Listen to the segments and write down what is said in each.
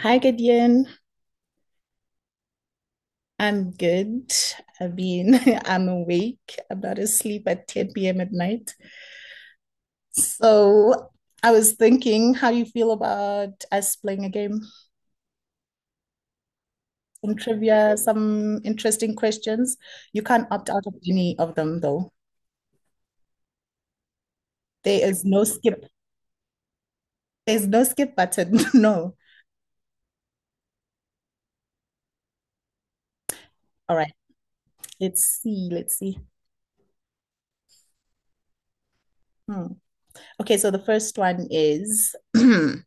Hi, Gideon. I'm good. I mean, I'm awake. I'm not asleep at 10 p.m. at night. So I was thinking, how do you feel about us playing a game? Some trivia, some interesting questions. You can't opt out of any of them, though. There is no skip. There's no skip button. No. All right. Let's see. Let's see. Hmm. Okay, so the first one is, you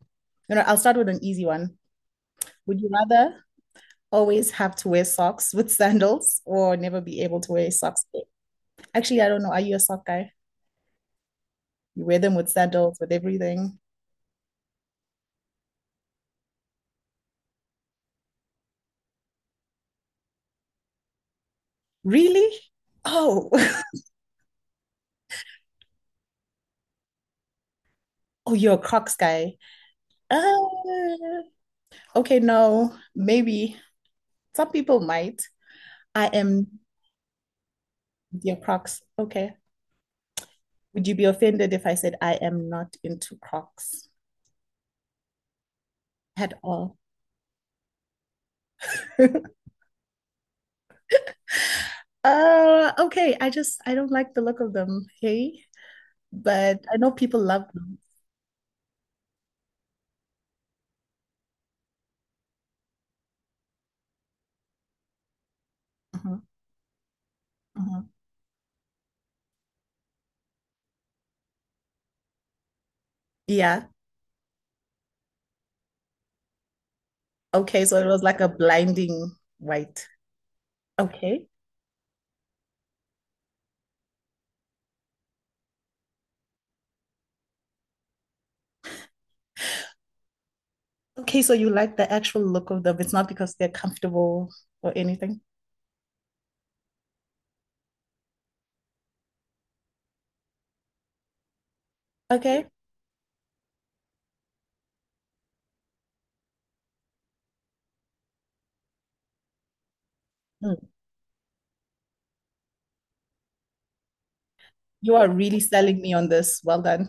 know, I'll start with an easy one. Would you rather always have to wear socks with sandals or never be able to wear socks. Actually, I don't know. Are you a sock guy? You wear them with sandals, with everything. Really? Oh, oh, you're a Crocs guy. Uh, okay, no, maybe. Some people might. I am your Crocs. Okay. Would you be offended if I said I am not into Crocs at all? Okay, I just I don't like the look of them, hey, but I know people love them. Mhm, mhm. Yeah. Okay. So it was like a blinding white. Okay. Okay. So you like the actual look of them. It's not because they're comfortable or anything. Okay. Mm. You are really selling me on this. Well done.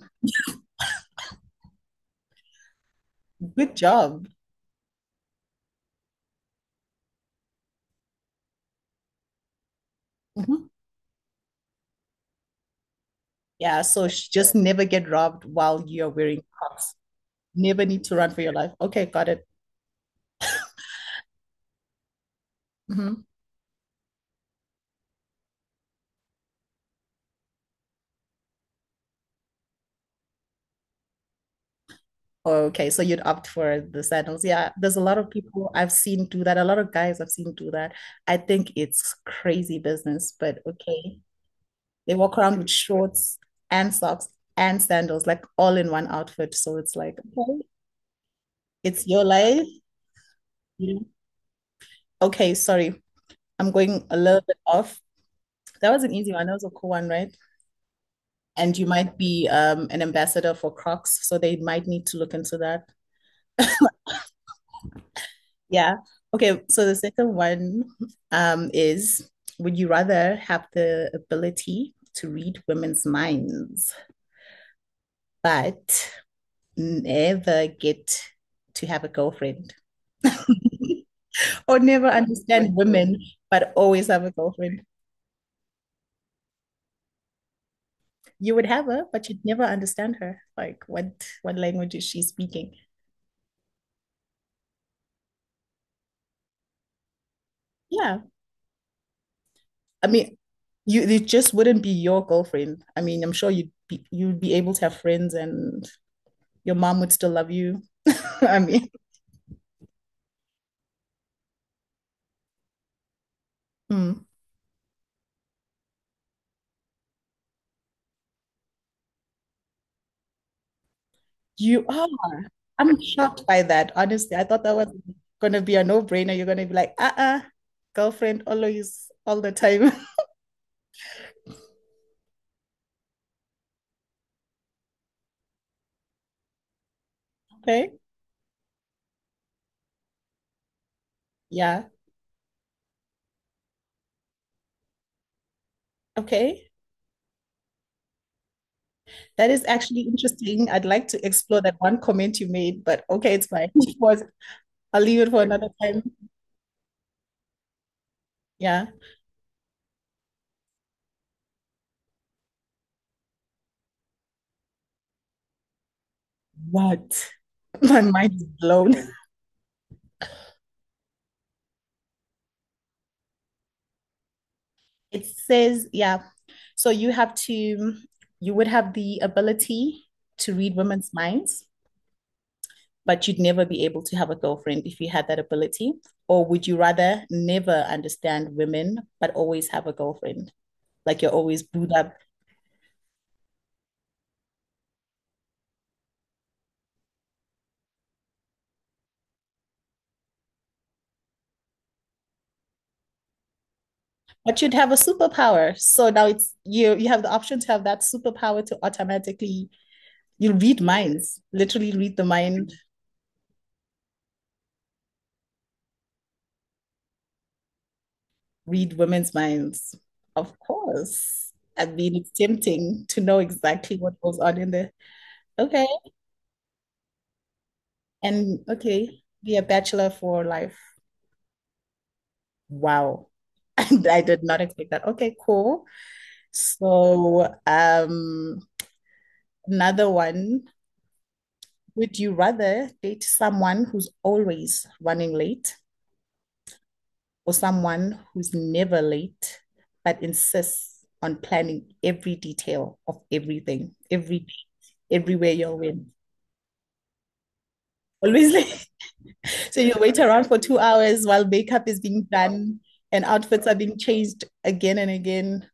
Good job. Mhm. Yeah. So just never get robbed while you're wearing Crocs. Never need to run for your life. Okay. Got it. Mhm. Okay. So you'd opt for the sandals. Yeah. There's a lot of people I've seen do that. A lot of guys I've seen do that. I think it's crazy business, but okay. They walk around with shorts and socks and sandals, like all in one outfit. So it's like, okay, it's your life. Yeah. Okay, sorry, I'm going a little bit off. That was an easy one. That was a cool one, right? And you might be an ambassador for Crocs, so they might need to look into that. Yeah. Okay, so the second one is would you rather have the ability to read women's minds, but never get to have a girlfriend? Or never understand women, but always have a girlfriend. You would have her, but you'd never understand her. Like what language is she speaking? Yeah. I mean, you it just wouldn't be your girlfriend. I mean, I'm sure you'd be able to have friends and your mom would still love you. I mean, hmm. you are. Oh, I'm shocked by that. Honestly, I thought that was gonna be a no-brainer. You're gonna be like, uh-uh, girlfriend always all the time. okay. Yeah. Okay. That is actually interesting. I'd like to explore that one comment you made, but okay, it's fine. I'll leave it for another time. Yeah. What? My mind is blown. It says, yeah. So you have to, you would have the ability to read women's minds, but you'd never be able to have a girlfriend if you had that ability. Or would you rather never understand women, but always have a girlfriend? Like you're always booed up. But you'd have a superpower. So now it's you have the option to have that superpower to automatically you read minds, literally read the mind, read women's minds. Of course. I mean, it's tempting to know exactly what goes on in there. Okay. And okay, be a bachelor for life. Wow. I did not expect that. Okay, cool. So, another one. Would you rather date someone who's always running late or someone who's never late but insists on planning every detail of everything, every day, everywhere you're in. Always late. So you wait around for two hours while makeup is being done and outfits are being changed again and again.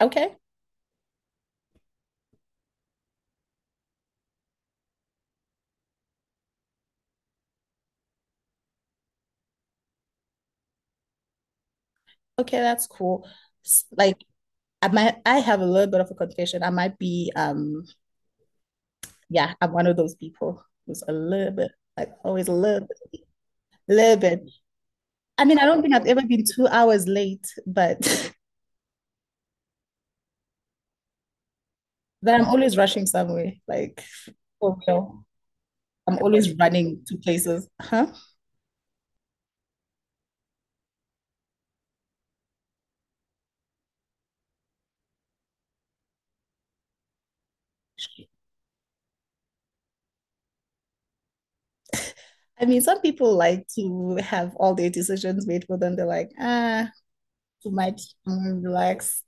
Okay, okay, that's cool. Like I might I have a little bit of a confession. I might be yeah, I'm one of those people who's a little bit like always a little bit, little bit. I mean, I don't think I've ever been two hours late, but Then I'm always rushing somewhere, like for real. I'm always running to places. Huh? I mean, some people like to have all their decisions made for them. They're like, ah, too much, I'm gonna relax.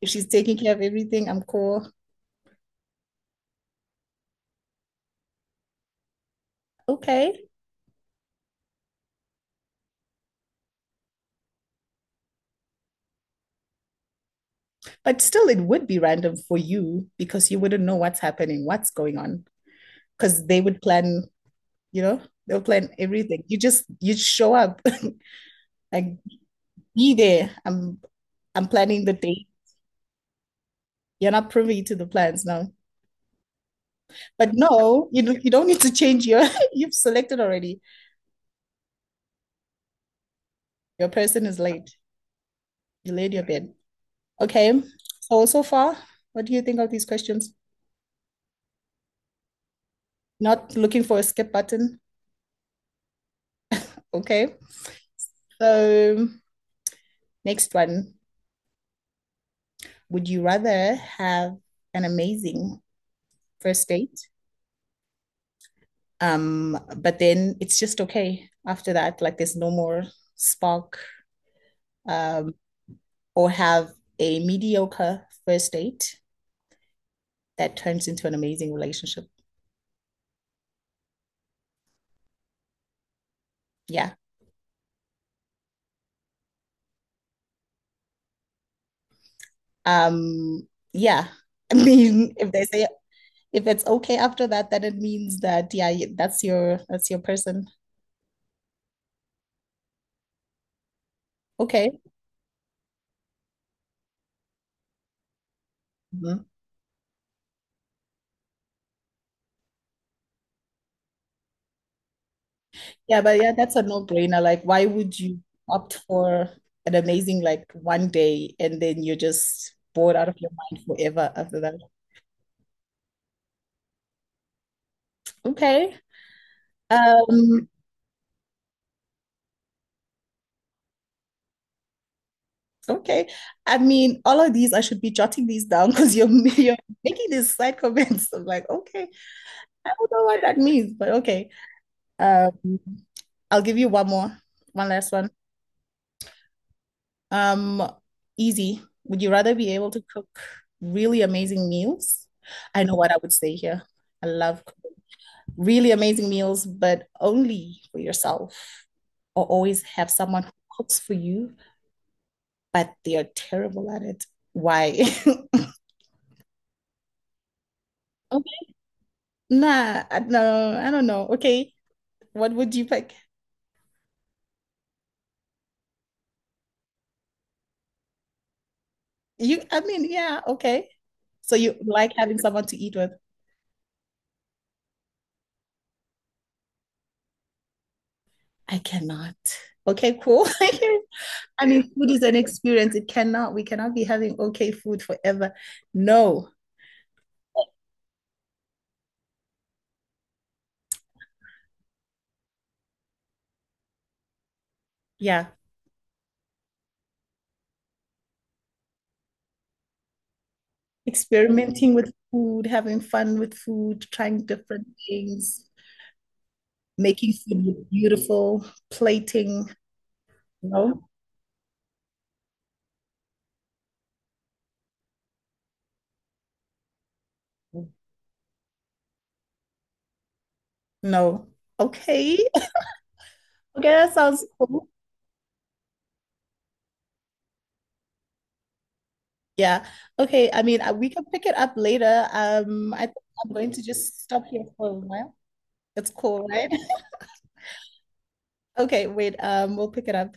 If she's taking care of everything, I'm cool. Okay. But still, it would be random for you because you wouldn't know what's happening, what's going on, because they would plan, you know, they'll plan everything. You show up, like, be there. I'm planning the date. You're not privy to the plans now. But no, you don't need to change your you've selected already. Your person is late. You laid your bid. Okay. So so far, what do you think of these questions? Not looking for a skip button. Okay. So next one. Would you rather have an amazing first date? But then it's just okay after that, like there's no more spark, um, or have a mediocre first date that turns into an amazing relationship. Yeah. Um, yeah. I mean, if they say if it's okay after that, then it means that yeah, that's your person. Okay. Mhm. Yeah, but yeah, that's a no-brainer. Like, why would you opt for an amazing like one day and then you're just bored out of your mind forever after that? Okay. Um, okay. I mean, all of these, I should be jotting these down because you're you're making these side comments. I'm like, okay, I don't know what that means, but okay. Um, I'll give you one more, one last one. Um, easy. Would you rather be able to cook really amazing meals? I know what I would say here. I love really amazing meals, but only for yourself, or always have someone who cooks for you, but they are terrible at it. Why? Okay. No, I don't know. Okay, what would you pick? I mean, yeah, okay. So you like having someone to eat with? I cannot. Okay, cool. I mean, food is an experience. It cannot, we cannot be having okay food forever. No. Yeah. Experimenting with food, having fun with food, trying different things, making food look beautiful, plating. No, no. Okay. Okay, that sounds cool. Yeah. Okay. I mean, we can pick it up later. I think I'm going to just stop here for a while. It's cool, right? Okay, wait. We'll pick it up.